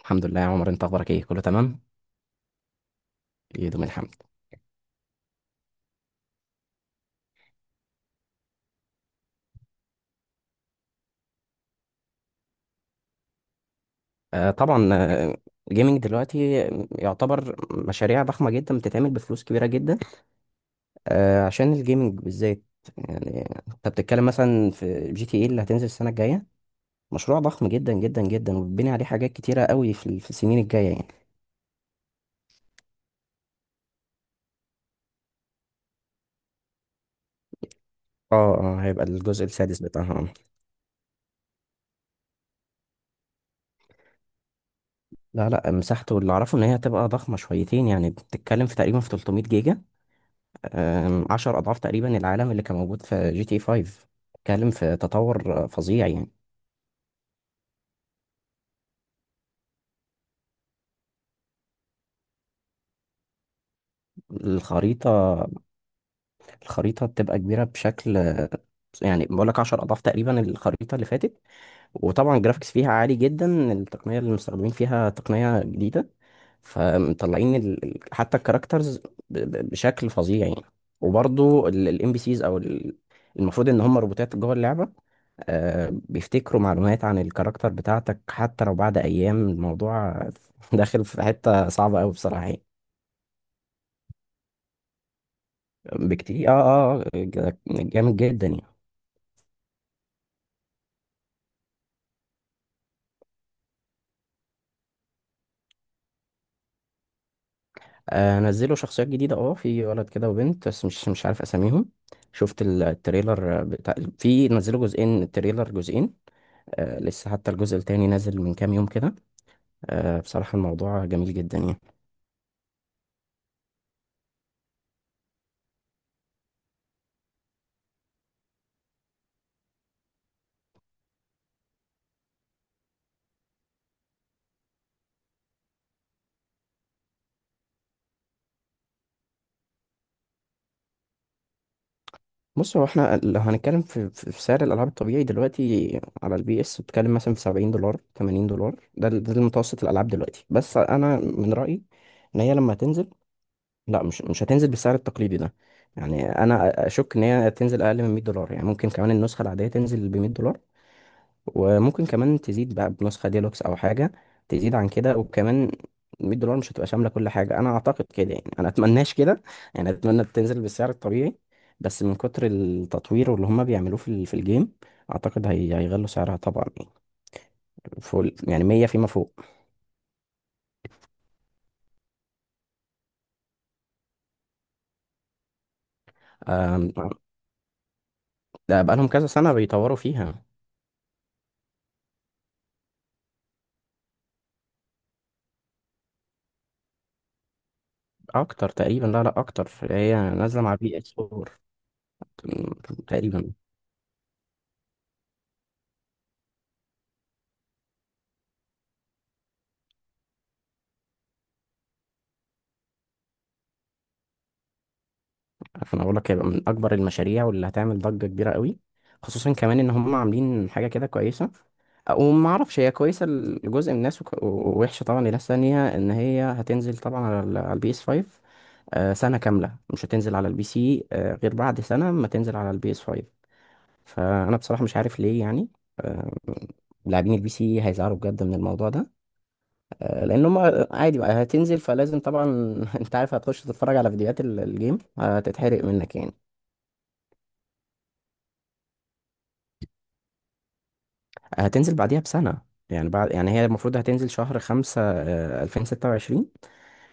الحمد لله يا عمر، انت اخبارك ايه؟ كله تمام. يدوم الحمد. آه طبعا، جيمنج دلوقتي يعتبر مشاريع ضخمه جدا بتتعمل بفلوس كبيره جدا. عشان الجيمنج بالذات، يعني انت بتتكلم مثلا في جي تي اي اللي هتنزل السنه الجايه، مشروع ضخم جدا جدا جدا وبتبني عليه حاجات كتيره قوي في السنين الجايه يعني. اه هيبقى الجزء السادس بتاعها. لا لا، مساحته اللي اعرفه ان هي هتبقى ضخمه شويتين، يعني بتتكلم في تقريبا في 300 جيجا. عشر أضعاف تقريبا العالم اللي كان موجود في جي تي 5. اتكلم في تطور فظيع يعني. الخريطة الخريطة بتبقى كبيرة بشكل، يعني بقول لك 10 أضعاف تقريبا الخريطة اللي فاتت. وطبعا الجرافيكس فيها عالي جدا، التقنية اللي مستخدمين فيها تقنية جديدة، فمطلعين حتى الكاركترز بشكل فظيع يعني. وبرضو الام بي سيز، المفروض ان هم روبوتات جوه اللعبة، بيفتكروا معلومات عن الكاركتر بتاعتك حتى لو بعد ايام. الموضوع داخل في حتة صعبة قوي بصراحة يعني. بكتير، جامد جدا يعني. آه نزلوا شخصيات جديدة، اه في ولد كده وبنت، بس مش عارف اساميهم. شفت التريلر بتاع، في نزلوا جزئين، التريلر جزئين. آه لسه حتى الجزء التاني نازل من كام يوم كده. آه بصراحة الموضوع جميل جدا يعني. بص، هو احنا لو هنتكلم في سعر الالعاب الطبيعي دلوقتي على البي اس، بتتكلم مثلا في 70 دولار 80 دولار، ده المتوسط الالعاب دلوقتي. بس انا من رايي ان هي لما تنزل، لا، مش هتنزل بالسعر التقليدي ده. يعني انا اشك ان هي تنزل اقل من 100 دولار، يعني ممكن كمان النسخه العاديه تنزل ب 100 دولار، وممكن كمان تزيد بقى بنسخة ديلوكس أو حاجة، تزيد عن كده. وكمان 100 دولار مش هتبقى شاملة كل حاجة، أنا أعتقد كده يعني، أنا أتمناش كده يعني، أتمنى تنزل بالسعر الطبيعي. بس من كتر التطوير واللي هما بيعملوه في في الجيم، أعتقد هي هيغلوا سعرها طبعا، يعني فوق يعني 100 فيما فوق. آم، ده بقالهم كذا سنة بيطوروا فيها. أكتر تقريبا، لا لا، أكتر، هي نازلة مع بي إس 4 تقريبا. انا اقول لك هيبقى من اكبر المشاريع واللي هتعمل ضجه كبيره قوي، خصوصا كمان ان هم عاملين حاجه كده كويسه. وما اعرفش هي كويسه لجزء من الناس، ووحشه طبعا لناس تانية، ان هي هتنزل طبعا على البي اس 5 سنه كامله، مش هتنزل على البي سي غير بعد سنه ما تنزل على البي اس 5. فانا بصراحه مش عارف ليه يعني. آه، لاعبين البي سي هيزعلوا بجد من الموضوع ده، لان هم عادي بقى هتنزل فلازم طبعا. انت عارف هتخش تتفرج على فيديوهات الجيم هتتحرق منك يعني. هتنزل بعديها بسنة، يعني بعد، يعني هي المفروض هتنزل شهر خمسة 2026.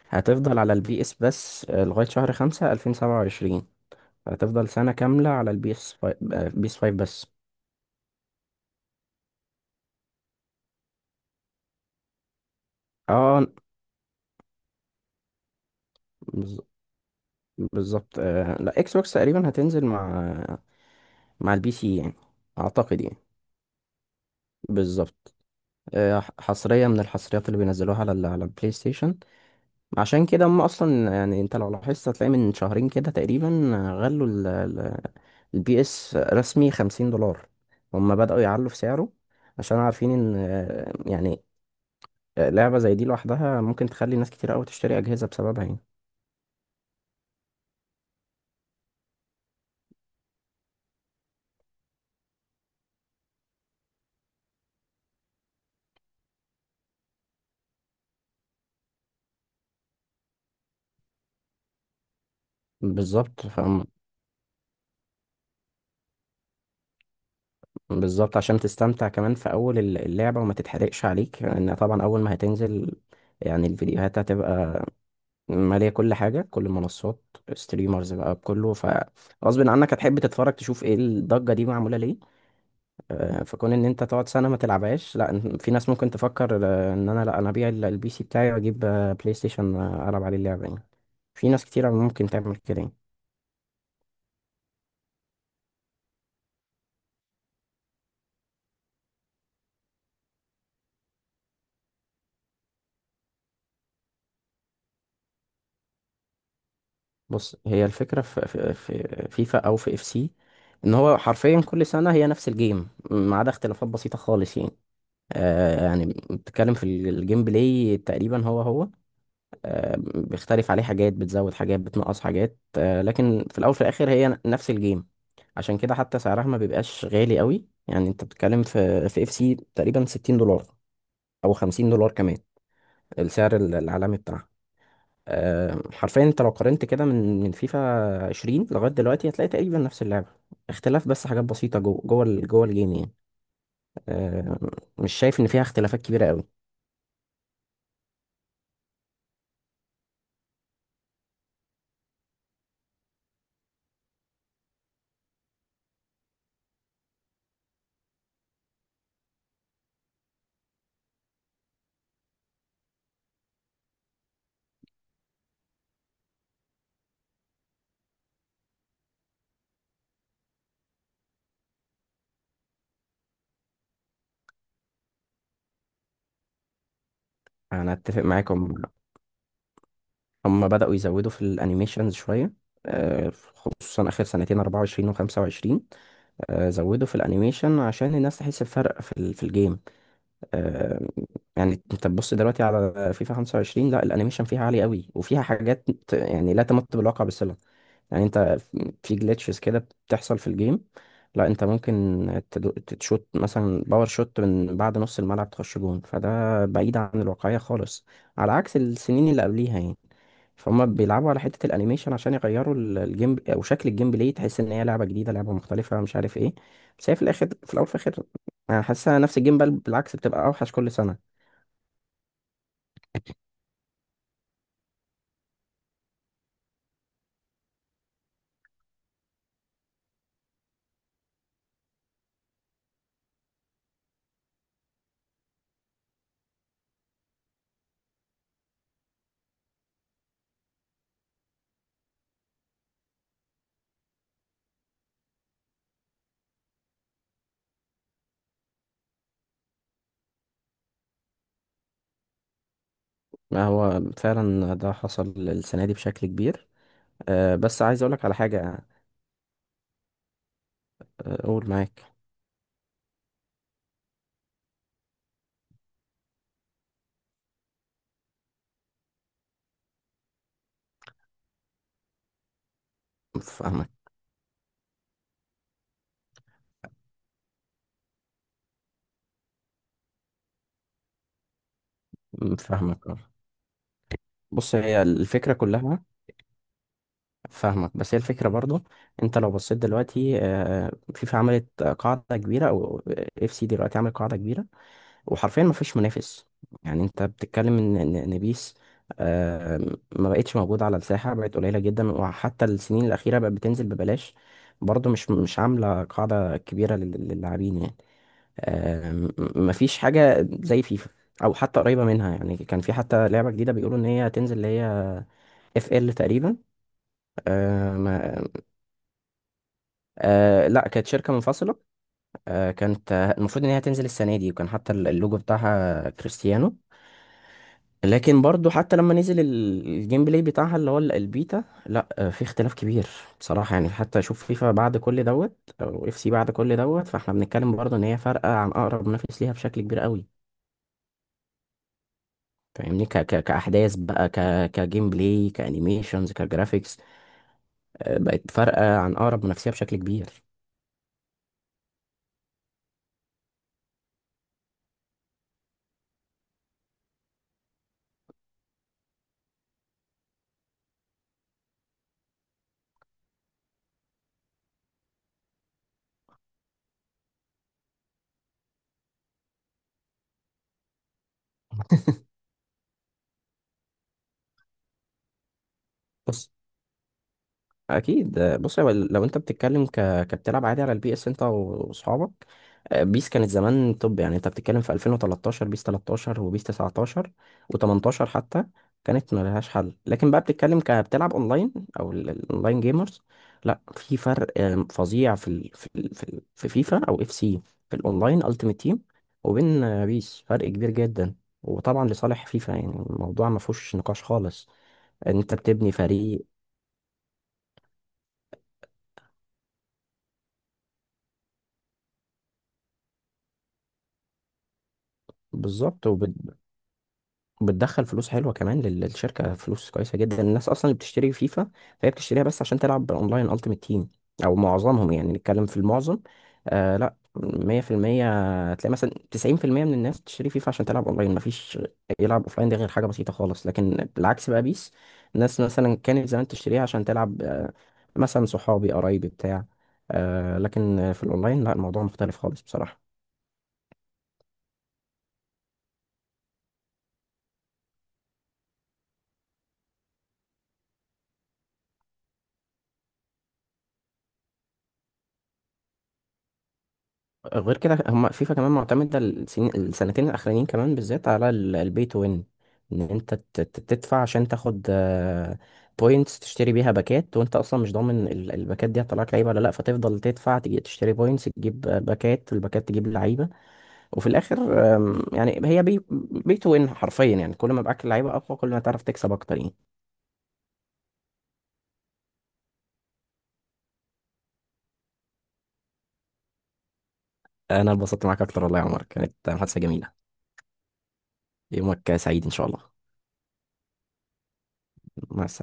هتفضل على البي اس بس لغاية شهر خمسة 2027. هتفضل سنة كاملة على البي اس، بي اس فايف بس. اه بز- بالظبط. لا اكس بوكس تقريبا هتنزل مع البي سي يعني، اعتقد يعني. بالظبط. حصرية من الحصريات اللي بينزلوها على على البلاي ستيشن. عشان كده هم اصلا، يعني انت لو لاحظت هتلاقي من شهرين كده تقريبا غلوا البي اس رسمي 50 دولار. هما بدأوا يعلوا في سعره، عشان عارفين ان لعبة زي دي لوحدها ممكن تخلي ناس كتير قوي تشتري أجهزة بسببها يعني. بالظبط فهم. بالظبط، عشان تستمتع كمان في أول اللعبة وما تتحرقش عليك، لأن طبعا أول ما هتنزل، يعني الفيديوهات هتبقى مالية كل حاجة، كل المنصات، ستريمرز بقى بكله، فغصب عنك هتحب تتفرج تشوف ايه الضجة دي معمولة ليه. فكون ان انت تقعد سنه ما تلعبهاش، لا في ناس ممكن تفكر، ان انا، لا انا ابيع البي سي بتاعي واجيب بلاي ستيشن العب عليه اللعبه يعني. في ناس كتير ممكن تعمل كده يعني. بص، هي الفكره في فيفا او في اف سي، ان هو حرفيا كل سنه هي نفس الجيم ما عدا اختلافات بسيطه خالص يعني. آه يعني بتتكلم في الجيم بلاي تقريبا هو هو، بيختلف عليه حاجات، بتزود حاجات، بتنقص حاجات، لكن في الاول وفي الاخر هي نفس الجيم. عشان كده حتى سعرها ما بيبقاش غالي قوي، يعني انت بتتكلم في في اف سي تقريبا 60 دولار او 50 دولار كمان، السعر العالمي بتاعها. حرفيا انت لو قارنت كده من فيفا 20 لغايه دلوقتي هتلاقي تقريبا نفس اللعبه، اختلاف بس حاجات بسيطه جوه الجيم يعني. آه، مش شايف ان فيها اختلافات كبيره قوي. انا اتفق معاكم. هم بدأوا يزودوا في الانيميشنز شوية، خصوصا آخر سنتين 24 و 25. زودوا في الانيميشن عشان الناس تحس بفرق في في الجيم. آه، يعني انت تبص دلوقتي على فيفا 25، لا الانيميشن فيها عالي قوي وفيها حاجات يعني لا تمت بالواقع بصلة. يعني انت في جلitches كده بتحصل في الجيم، لا انت ممكن تدو- تشوت مثلا باور شوت من بعد نص الملعب تخش جون، فده بعيد عن الواقعية خالص على عكس السنين اللي قبليها يعني. فهم بيلعبوا على حتة الانيميشن عشان يغيروا الجيم او شكل الجيم بلاي، تحس ان هي لعبة جديدة، لعبة مختلفة، مش عارف ايه. بس هي في الاخر، في الاول وفي الاخر انا حاسسها نفس الجيم، بل بالعكس بتبقى اوحش كل سنة. ما هو فعلا ده حصل السنة دي بشكل كبير. بس عايز اقولك على حاجة. أه، قول معاك. فاهمك. فاهمك آه. بص هي الفكرة كلها. فاهمك، بس هي الفكرة برضو، انت لو بصيت دلوقتي فيفا عملت قاعدة كبيرة، او اف سي دلوقتي عمل قاعدة كبيرة، وحرفيا ما فيش منافس. يعني انت بتتكلم ان إن- إن بيس آه، ما بقتش موجودة على الساحة، بقت قليلة جدا، وحتى السنين الأخيرة بقت بتنزل ببلاش، برضو مش عاملة قاعدة كبيرة للاعبين يعني. آه، م- مفيش حاجة زي فيفا أو حتى قريبة منها، يعني كان في حتى لعبة جديدة بيقولوا إن هي هتنزل، اللي هي اف ال تقريبا. آه ما آه لا، كانت شركة منفصلة. آه كانت، المفروض إن هي هتنزل السنة دي، وكان حتى اللوجو بتاعها كريستيانو. لكن برضو حتى لما نزل الجيم بلاي بتاعها اللي هو البيتا، لا في اختلاف كبير بصراحة يعني. حتى شوف فيفا بعد كل دوت او اف سي بعد كل دوت، فاحنا بنتكلم برضو ان هي فارقة عن اقرب منافس ليها بشكل كبير قوي، فاهمني، ك ك كأحداث بقى، كجيم بلاي، كأنيميشنز، كجرافيكس. بقت فارقة عن أقرب منافسيها بشكل كبير. بص اكيد. آه، بص هو لو انت بتتكلم كبتلعب عادي على البي اس انت واصحابك، بيس كانت زمان طب، يعني انت بتتكلم في 2013، بيس 13 وبيس 19 و18 حتى، كانت ملهاش حل. لكن بقى بتتكلم كبتلعب اونلاين، او الاونلاين جيمرز، لا في فرق فظيع في فيفا او اف سي، في الاونلاين التيمت تيم، وبين بيس، فرق كبير جدا، وطبعا لصالح فيفا، يعني الموضوع ما فيهوش نقاش خالص. انت بتبني فريق. بالظبط. بتدخل فلوس حلوه كمان للشركه، فلوس كويسه جدا. الناس اصلا اللي بتشتري فيفا فهي بتشتريها بس عشان تلعب اونلاين التيمت تيم، او معظمهم يعني، نتكلم في المعظم. آه لا 100% تلاقي مثلا 90% من الناس بتشتري فيفا عشان تلعب اونلاين، مفيش يلعب اوفلاين، ده غير حاجه بسيطه خالص. لكن بالعكس بقى بيس، الناس مثلا كانت زمان تشتريها عشان تلعب، آه مثلا صحابي قرايبي بتاع، آه لكن في الاونلاين لا، الموضوع مختلف خالص بصراحه. غير كده، هم فيفا كمان معتمدة السنين السنتين الأخرانيين كمان بالذات على البي تو وين، إن أنت تدفع عشان تاخد بوينتس، تشتري بيها باكات، وأنت أصلا مش ضامن الباكات دي هتطلعك لعيبة ولا لأ، فتفضل تدفع تجي تشتري بوينتس تجيب باكات، الباكات تجيب لعيبة. وفي الآخر يعني هي بي تو وين حرفيا، يعني كل ما معاك لعيبة أقوى كل ما تعرف تكسب أكتر يعني. أنا اتبسطت معاك أكتر والله يا عمر، كانت محادثة جميلة. يومك سعيد إن شاء الله. مع السلامة.